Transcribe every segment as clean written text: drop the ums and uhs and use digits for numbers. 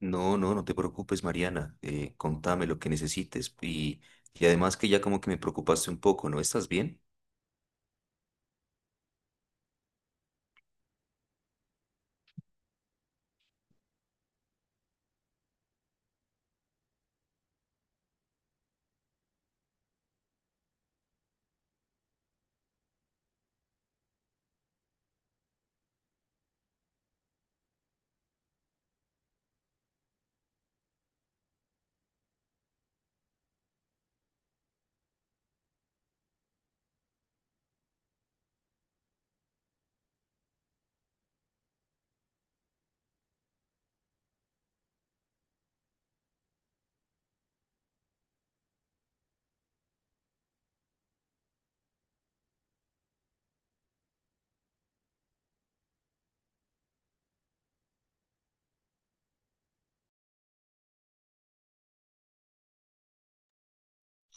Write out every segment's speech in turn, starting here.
No, no, no te preocupes, Mariana. Contame lo que necesites. Y además que ya como que me preocupaste un poco, ¿no? ¿Estás bien?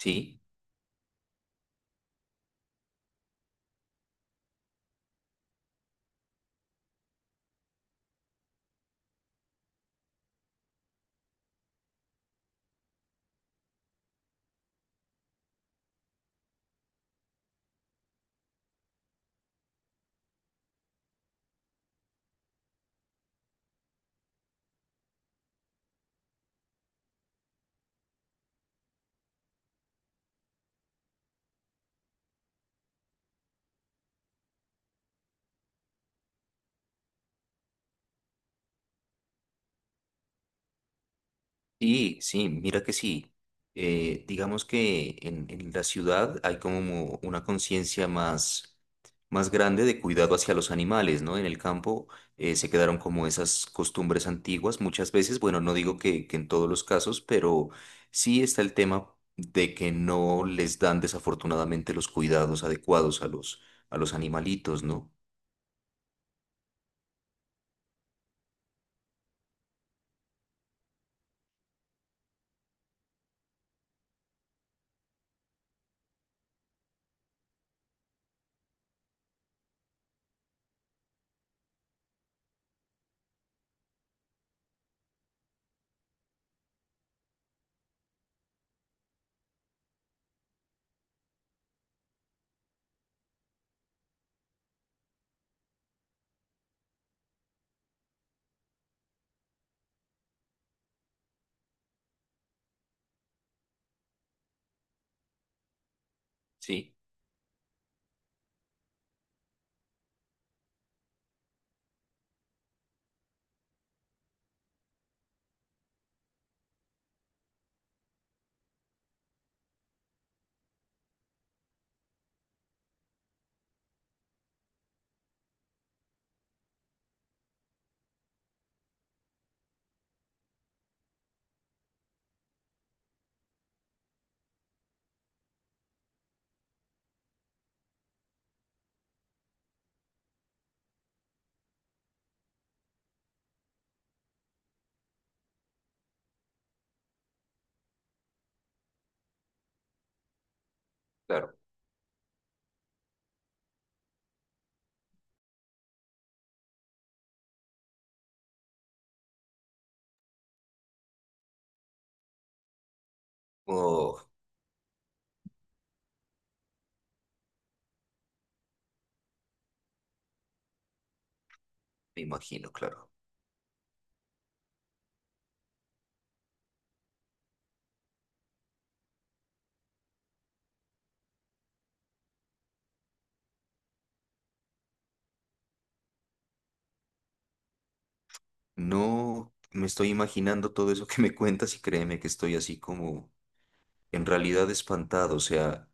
Sí. Sí, sí, mira que sí. Digamos que en la ciudad hay como una conciencia más, más grande de cuidado hacia los animales, ¿no? En el campo se quedaron como esas costumbres antiguas muchas veces. Bueno, no digo que en todos los casos, pero sí está el tema de que no les dan desafortunadamente los cuidados adecuados a los animalitos, ¿no? Sí, claro. Oh, me imagino, claro. No, me estoy imaginando todo eso que me cuentas y créeme que estoy así como en realidad espantado. O sea,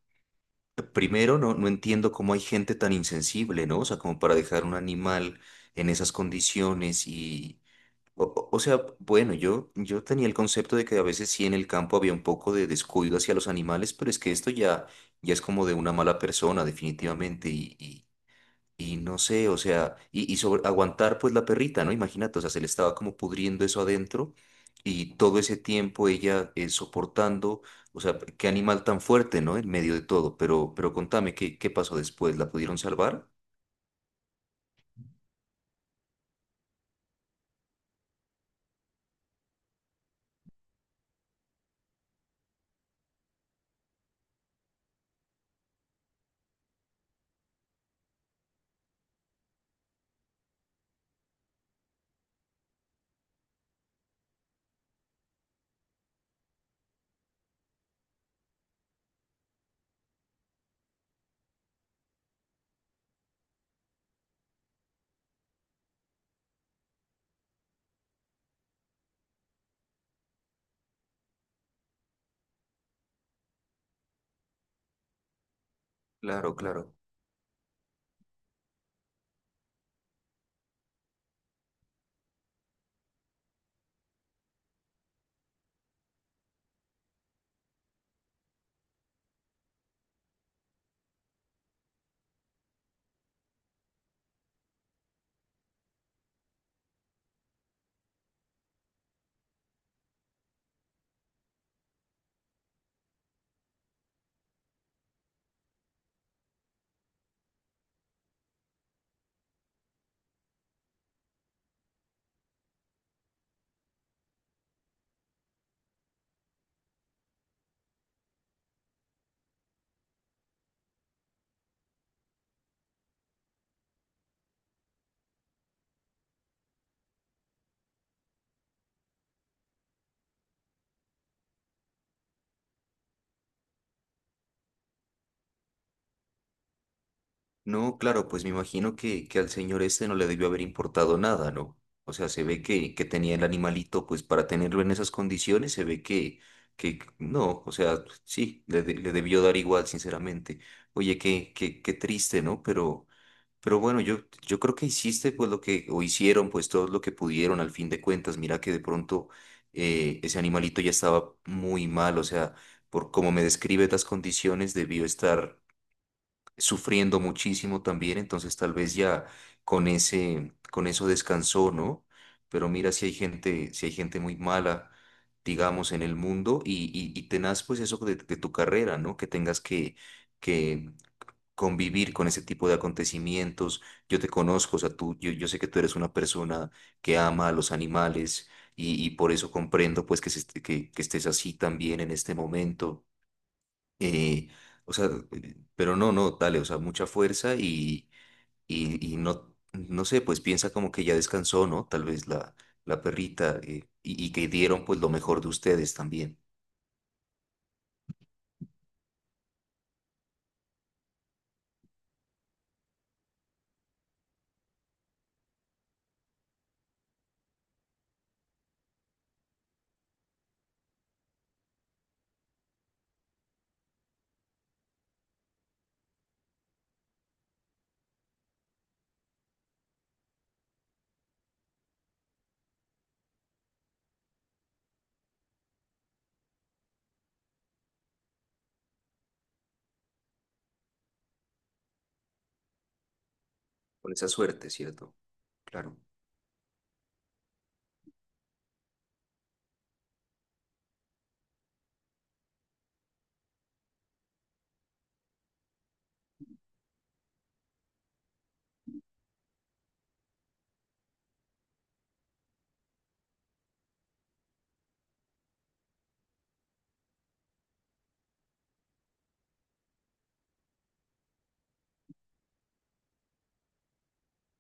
primero no, no entiendo cómo hay gente tan insensible, ¿no? O sea, como para dejar un animal en esas condiciones y... O sea, bueno, yo tenía el concepto de que a veces sí en el campo había un poco de descuido hacia los animales, pero es que esto ya, ya es como de una mala persona, definitivamente. Y no sé, o sea, y sobre, aguantar pues la perrita, ¿no? Imagínate, o sea, se le estaba como pudriendo eso adentro y todo ese tiempo ella soportando, o sea, qué animal tan fuerte, ¿no? En medio de todo, pero contame, ¿qué, qué pasó después? ¿La pudieron salvar? Claro, claro. No, claro, pues me imagino que al señor este no le debió haber importado nada, ¿no? O sea, se ve que tenía el animalito, pues para tenerlo en esas condiciones, se ve que no, o sea, sí, le, de- le debió dar igual, sinceramente. Oye, qué, qué, qué triste, ¿no? Pero bueno, yo creo que hiciste pues lo que, o hicieron pues todo lo que pudieron al fin de cuentas. Mira que de pronto ese animalito ya estaba muy mal, o sea, por como me describe las condiciones, debió estar sufriendo muchísimo también, entonces tal vez ya con ese, con eso descansó, ¿no? Pero mira si hay gente, si hay gente muy mala, digamos, en el mundo y tenaz pues eso de tu carrera, ¿no? Que tengas que convivir con ese tipo de acontecimientos. Yo te conozco, o sea, tú, yo sé que tú eres una persona que ama a los animales y por eso comprendo pues que, que estés así también en este momento. Eh, o sea, pero no, no, dale, o sea, mucha fuerza y no, no sé, pues piensa como que ya descansó, ¿no? Tal vez la, la perrita y que dieron pues lo mejor de ustedes también. Con esa suerte, ¿cierto? Claro.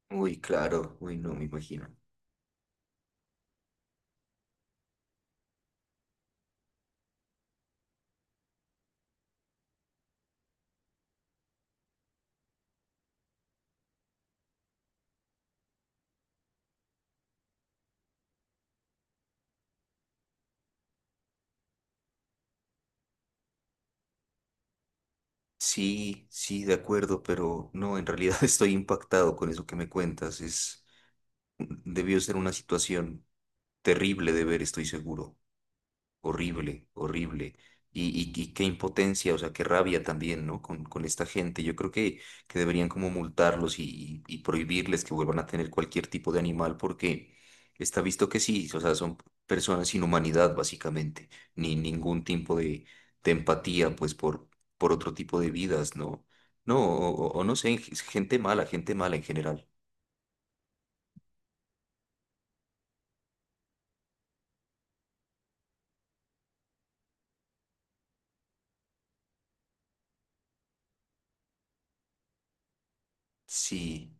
Uy, claro, uy, no, me imagino. Sí, sí, de acuerdo, pero no, en realidad estoy impactado con eso que me cuentas. Es, debió ser una situación terrible de ver, estoy seguro. Horrible, horrible. Y, y qué impotencia, o sea, qué rabia también, ¿no? Con esta gente. Yo creo que deberían como multarlos y, y prohibirles que vuelvan a tener cualquier tipo de animal porque está visto que sí, o sea, son personas sin humanidad, básicamente. Ni ningún tipo de empatía, pues, por otro tipo de vidas, ¿no? No, o no sé, gente mala en general. Sí,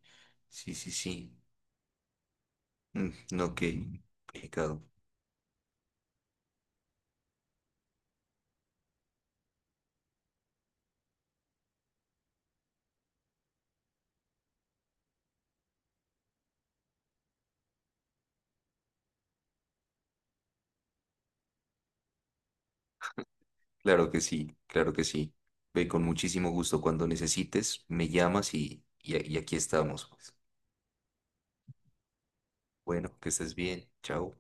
sí, sí, sí. No, qué complicado. Claro que sí, claro que sí. Ve con muchísimo gusto cuando necesites, me llamas y aquí estamos. Pues. Bueno, que estés bien. Chao.